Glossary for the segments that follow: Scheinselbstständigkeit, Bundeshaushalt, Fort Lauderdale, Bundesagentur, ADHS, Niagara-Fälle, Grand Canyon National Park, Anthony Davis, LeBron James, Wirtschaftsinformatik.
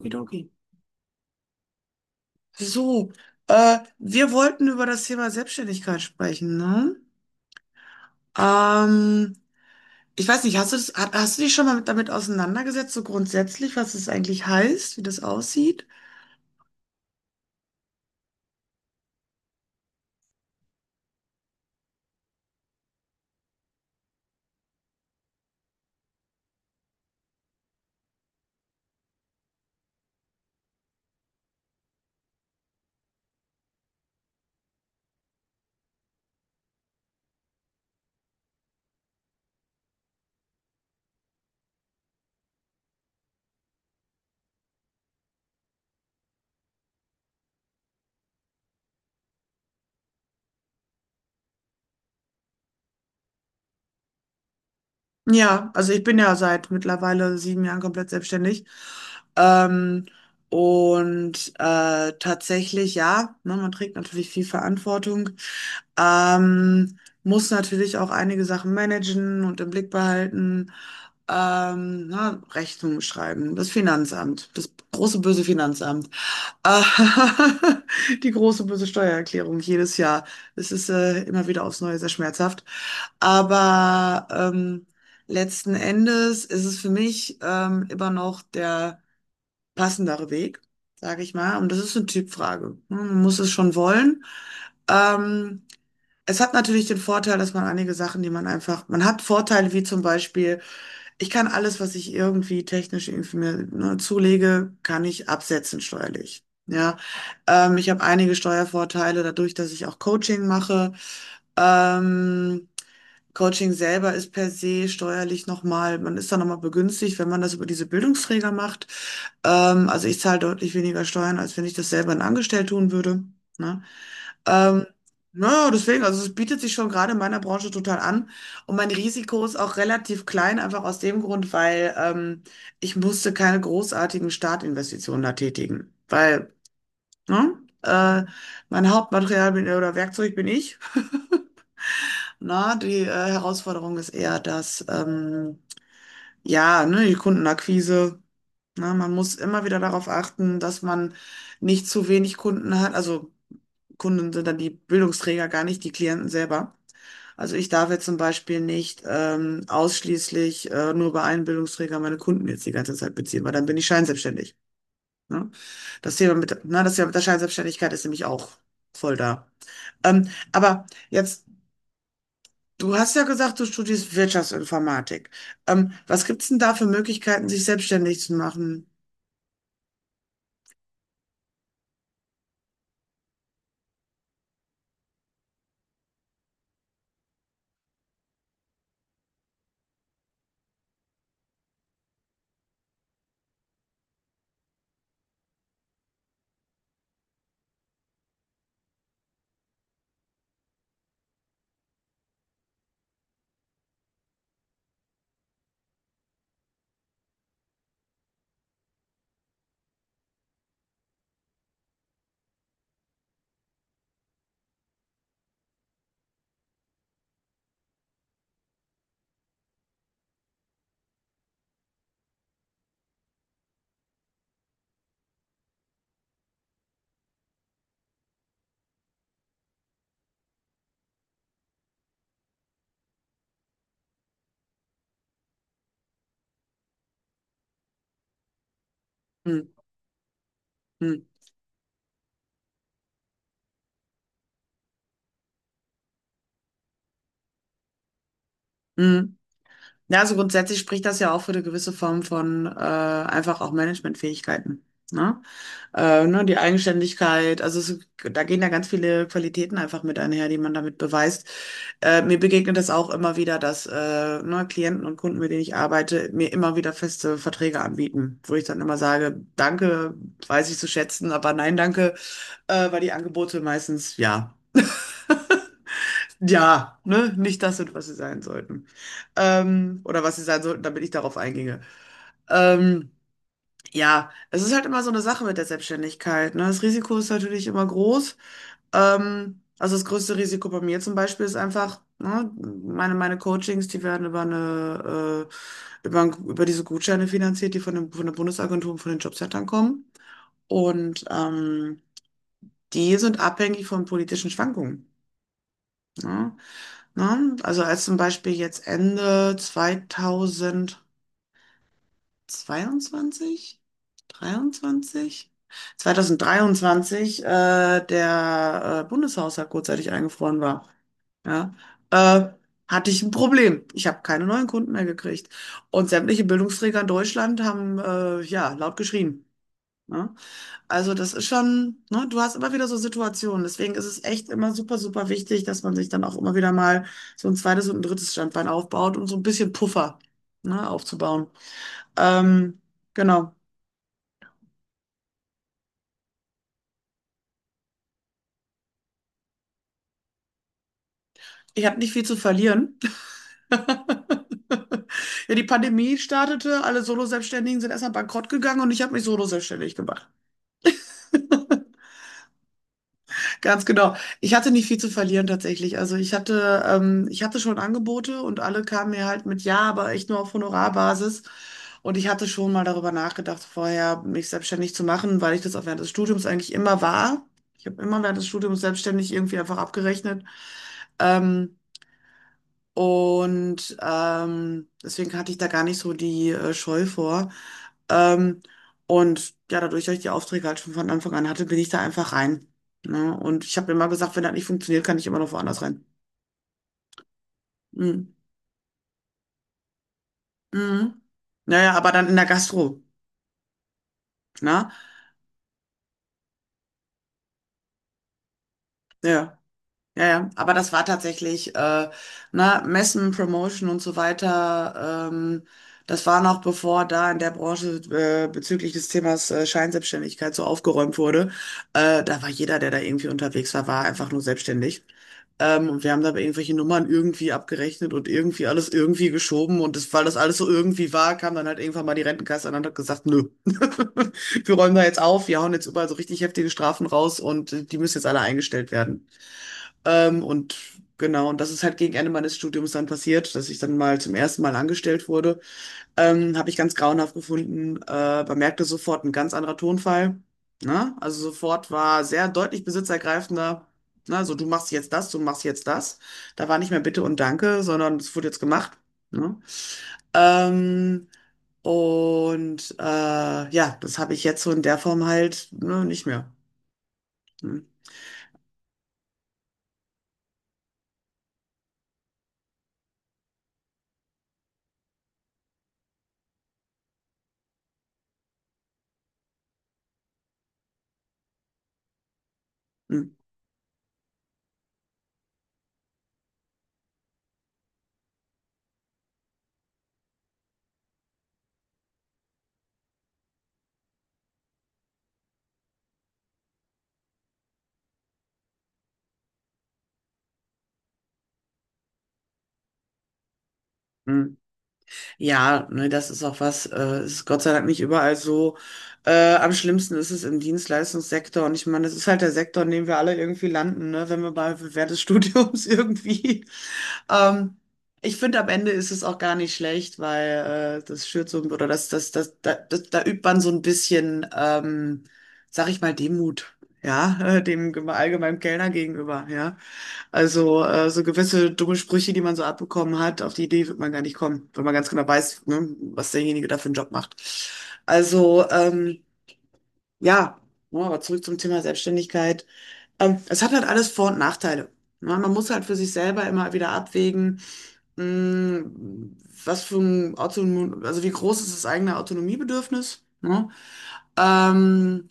Okidoki. So, wir wollten über das Thema Selbstständigkeit sprechen, ne? Ähm, Ich weiß nicht, hast du das, hast du dich schon mal damit auseinandergesetzt, so grundsätzlich, was es eigentlich heißt, wie das aussieht? Ja, also ich bin ja seit mittlerweile 7 Jahren komplett selbstständig. Ähm, und tatsächlich, ja, ne, man trägt natürlich viel Verantwortung, ähm, muss natürlich auch einige Sachen managen und im Blick behalten, na, Rechnungen schreiben, das Finanzamt, das große böse Finanzamt, äh, die große böse Steuererklärung jedes Jahr. Es ist immer wieder aufs Neue sehr schmerzhaft. Aber letzten Endes ist es für mich immer noch der passendere Weg, sage ich mal. Und das ist eine Typfrage. Ne? Man muss es schon wollen. Ähm, Es hat natürlich den Vorteil, dass man einige Sachen, die man einfach, man hat Vorteile wie zum Beispiel, ich kann alles, was ich irgendwie technisch irgendwie mir ne, zulege, kann ich absetzen steuerlich. Ja, ich habe einige Steuervorteile dadurch, dass ich auch Coaching mache. Ähm, Coaching selber ist per se steuerlich nochmal, man ist da nochmal begünstigt, wenn man das über diese Bildungsträger macht. Also ich zahle deutlich weniger Steuern, als wenn ich das selber in Angestellt tun würde. Ne? Ähm, naja, deswegen, also es bietet sich schon gerade in meiner Branche total an. Und mein Risiko ist auch relativ klein, einfach aus dem Grund, weil ich musste keine großartigen Startinvestitionen da tätigen. Weil, ne, äh, mein Hauptmaterial bin, oder Werkzeug bin ich. Na, die Herausforderung ist eher dass ja, ne, die Kundenakquise, na, man muss immer wieder darauf achten, dass man nicht zu wenig Kunden hat. Also Kunden sind dann die Bildungsträger gar nicht, die Klienten selber. Also ich darf jetzt zum Beispiel nicht ausschließlich nur bei einem Bildungsträger meine Kunden jetzt die ganze Zeit beziehen, weil dann bin ich scheinselbstständig. Ne? Das Thema mit, ne, das Thema mit der Scheinselbstständigkeit ist nämlich auch voll da. Aber jetzt, du hast ja gesagt, du studierst Wirtschaftsinformatik. Was gibt's denn da für Möglichkeiten, sich selbstständig zu machen? Hm, hm, hm. Ja, also grundsätzlich spricht das ja auch für eine gewisse Form von einfach auch Managementfähigkeiten. Ne? Ne, die Eigenständigkeit, also es, da gehen ja ganz viele Qualitäten einfach mit einher, die man damit beweist. Mir begegnet das auch immer wieder, dass ne, Klienten und Kunden, mit denen ich arbeite, mir immer wieder feste Verträge anbieten, wo ich dann immer sage, danke, weiß ich zu schätzen, aber nein, danke, weil die Angebote meistens ja. Ja, ne, nicht das sind, was sie sein sollten. Oder was sie sein sollten, damit ich darauf einginge. Ähm, ja, es ist halt immer so eine Sache mit der Selbstständigkeit, ne? Das Risiko ist natürlich immer groß. Also das größte Risiko bei mir zum Beispiel ist einfach, ne, meine Coachings, die werden über über diese Gutscheine finanziert, die von dem, von der Bundesagentur und von den Jobcentern kommen. Und die sind abhängig von politischen Schwankungen. Ne? Ne? Also als zum Beispiel jetzt Ende 2000 22, 23, 2023 der Bundeshaushalt kurzzeitig eingefroren war. Ja, äh, hatte ich ein Problem. Ich habe keine neuen Kunden mehr gekriegt. Und sämtliche Bildungsträger in Deutschland haben ja laut geschrien. Ne? Also das ist schon, ne, du hast immer wieder so Situationen. Deswegen ist es echt immer super, super wichtig, dass man sich dann auch immer wieder mal so ein zweites und ein drittes Standbein aufbaut, um so ein bisschen Puffer, ne, aufzubauen. Ähm, genau. Ich habe nicht viel zu verlieren. Ja, die Pandemie startete, alle Solo-Selbstständigen sind erstmal bankrott gegangen und ich habe mich solo-selbstständig gemacht. Ganz genau. Ich hatte nicht viel zu verlieren tatsächlich. Also ich hatte schon Angebote und alle kamen mir halt mit Ja, aber echt nur auf Honorarbasis. Und ich hatte schon mal darüber nachgedacht, vorher mich selbstständig zu machen, weil ich das auch während des Studiums eigentlich immer war. Ich habe immer während des Studiums selbstständig irgendwie einfach abgerechnet. Ähm, Und deswegen hatte ich da gar nicht so die Scheu vor. Ähm, und ja, dadurch, dass ich die Aufträge halt schon von Anfang an hatte, bin ich da einfach rein. Ne? Und ich habe immer gesagt, wenn das nicht funktioniert, kann ich immer noch woanders rein. Mhm. Mhm. Naja, aber dann in der Gastro. Ne? Ja. Ja, ja, aber das war tatsächlich, na, Messen, Promotion und so weiter. Das war noch bevor da in der Branche bezüglich des Themas Scheinselbstständigkeit so aufgeräumt wurde. Da war jeder, der da irgendwie unterwegs war, war einfach nur selbstständig. Und wir haben da irgendwelche Nummern irgendwie abgerechnet und irgendwie alles irgendwie geschoben. Und das, weil das alles so irgendwie war, kam dann halt irgendwann mal die Rentenkasse an und hat gesagt, nö, wir räumen da jetzt auf, wir hauen jetzt überall so richtig heftige Strafen raus und die müssen jetzt alle eingestellt werden. Und genau, und das ist halt gegen Ende meines Studiums dann passiert, dass ich dann mal zum ersten Mal angestellt wurde. Habe ich ganz grauenhaft gefunden, man merkte sofort ein ganz anderer Tonfall. Ne? Also sofort war sehr deutlich besitzergreifender. Ne? So, du machst jetzt das, du machst jetzt das. Da war nicht mehr Bitte und Danke, sondern es wurde jetzt gemacht. Ne? Ähm, und ja, das habe ich jetzt so in der Form halt ne, nicht mehr. Hm, hm, hm. Ja, ne, das ist auch was, ist Gott sei Dank nicht überall so. Am schlimmsten ist es im Dienstleistungssektor. Und ich meine, das ist halt der Sektor, in dem wir alle irgendwie landen, ne, wenn wir bei während des Studiums irgendwie. Ähm, Ich finde, am Ende ist es auch gar nicht schlecht, weil das schürt so, oder da übt man so ein bisschen, sag ich mal, Demut, ja, dem allgemeinen Kellner gegenüber, ja. Also so gewisse dumme Sprüche, die man so abbekommen hat, auf die Idee wird man gar nicht kommen, wenn man ganz genau weiß, ne, was derjenige da für einen Job macht. Also ja, ja, aber zurück zum Thema Selbstständigkeit. Es hat halt alles Vor- und Nachteile. Ne? Man muss halt für sich selber immer wieder abwägen, mh, was für ein Autonom, also wie groß ist das eigene Autonomiebedürfnis? Ne? Ähm,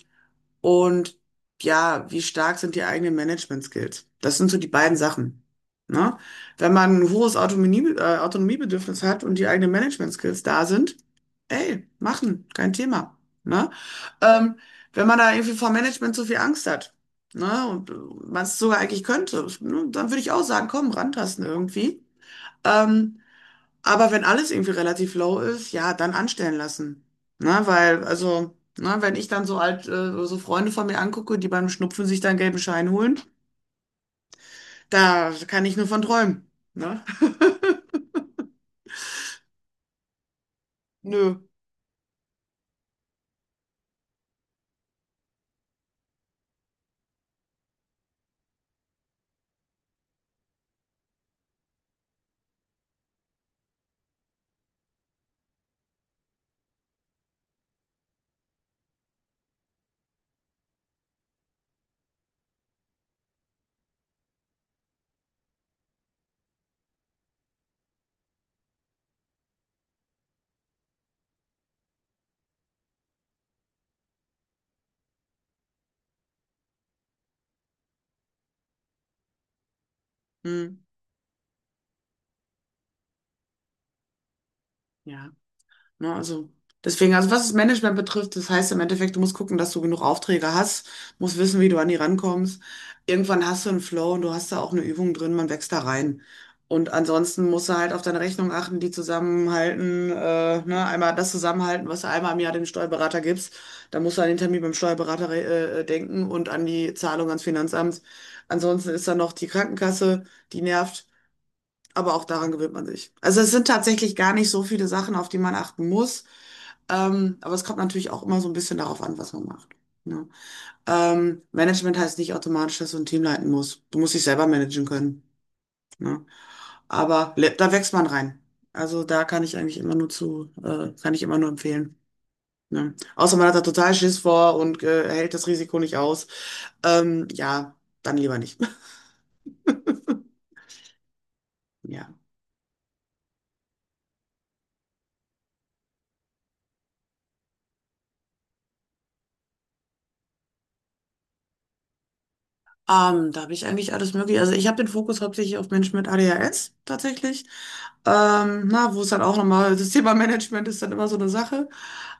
und ja, wie stark sind die eigenen Management-Skills? Das sind so die beiden Sachen. Ne? Wenn man ein hohes Autonomie, Autonomiebedürfnis hat und die eigenen Management-Skills da sind, ey, machen, kein Thema. Ne? Ähm, Wenn man da irgendwie vor Management so viel Angst hat, ne, und man es sogar eigentlich könnte, ne, dann würde ich auch sagen, komm, rantasten irgendwie. Ähm, aber wenn alles irgendwie relativ low ist, ja, dann anstellen lassen. Na, weil, also, na, wenn ich dann so alt, so Freunde von mir angucke, die beim Schnupfen sich dann gelben Schein holen, da kann ich nur von träumen. Ne? Nö. Hm. Ja. Ne? Also deswegen, also was das Management betrifft, das heißt im Endeffekt, du musst gucken, dass du genug Aufträge hast, musst wissen, wie du an die rankommst. Irgendwann hast du einen Flow und du hast da auch eine Übung drin, man wächst da rein. Und ansonsten musst du halt auf deine Rechnung achten, die zusammenhalten, ne, einmal das zusammenhalten, was du einmal im Jahr dem Steuerberater gibst. Dann musst du an den Termin beim Steuerberater denken und an die Zahlung ans Finanzamt. Ansonsten ist da noch die Krankenkasse, die nervt. Aber auch daran gewöhnt man sich. Also es sind tatsächlich gar nicht so viele Sachen, auf die man achten muss. Aber es kommt natürlich auch immer so ein bisschen darauf an, was man macht. Ne? Management heißt nicht automatisch, dass du ein Team leiten musst. Du musst dich selber managen können. Ne? Aber da wächst man rein. Also da kann ich eigentlich immer nur zu, kann ich immer nur empfehlen. Ne? Außer man hat da total Schiss vor und hält das Risiko nicht aus. Ja, dann lieber nicht. Ja. Da habe ich eigentlich alles mögliche. Also ich habe den Fokus hauptsächlich auf Menschen mit ADHS tatsächlich. Na, wo es dann auch nochmal, das Thema Management ist dann immer so eine Sache.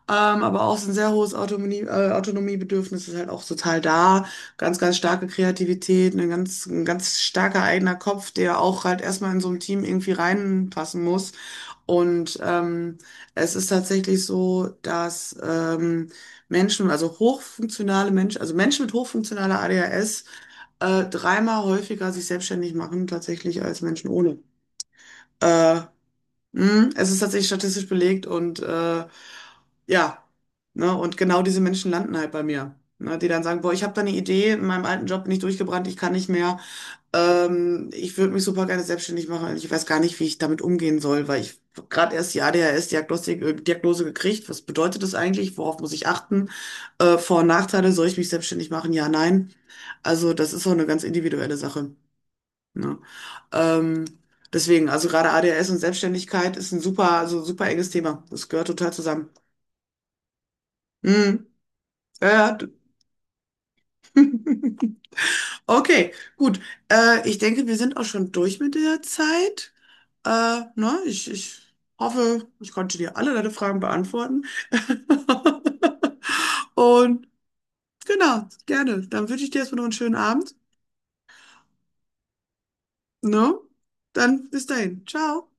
Aber auch so ein sehr hohes Autonomie, Autonomiebedürfnis ist halt auch total da. Ganz, ganz starke Kreativität, ein ganz starker eigener Kopf, der auch halt erstmal in so einem Team irgendwie reinpassen muss. Und es ist tatsächlich so, dass Menschen, also hochfunktionale Menschen, also Menschen mit hochfunktionaler ADHS, dreimal häufiger sich selbstständig machen tatsächlich als Menschen ohne. Äh, Es ist tatsächlich statistisch belegt und ja, ne, und genau diese Menschen landen halt bei mir. Ne, die dann sagen, boah, ich habe da eine Idee, in meinem alten Job bin ich durchgebrannt, ich kann nicht mehr. Ich würde mich super gerne selbstständig machen. Ich weiß gar nicht, wie ich damit umgehen soll, weil ich gerade erst die ADHS-Diagnostik, Diagnose gekriegt. Was bedeutet das eigentlich? Worauf muss ich achten? Vor- und Nachteile, soll ich mich selbstständig machen? Ja, nein. Also das ist so eine ganz individuelle Sache. Ne? Ähm, Deswegen, also gerade ADHS und Selbstständigkeit ist ein super, also super enges Thema. Das gehört total zusammen. Hm, ja, ja. Okay, gut. Ich denke, wir sind auch schon durch mit der Zeit. Äh, ne? Ich hoffe, ich konnte dir alle deine Fragen beantworten. Und genau, gerne. Dann wünsche ich dir erstmal noch einen schönen Abend. Ne? Dann bis dahin. Ciao.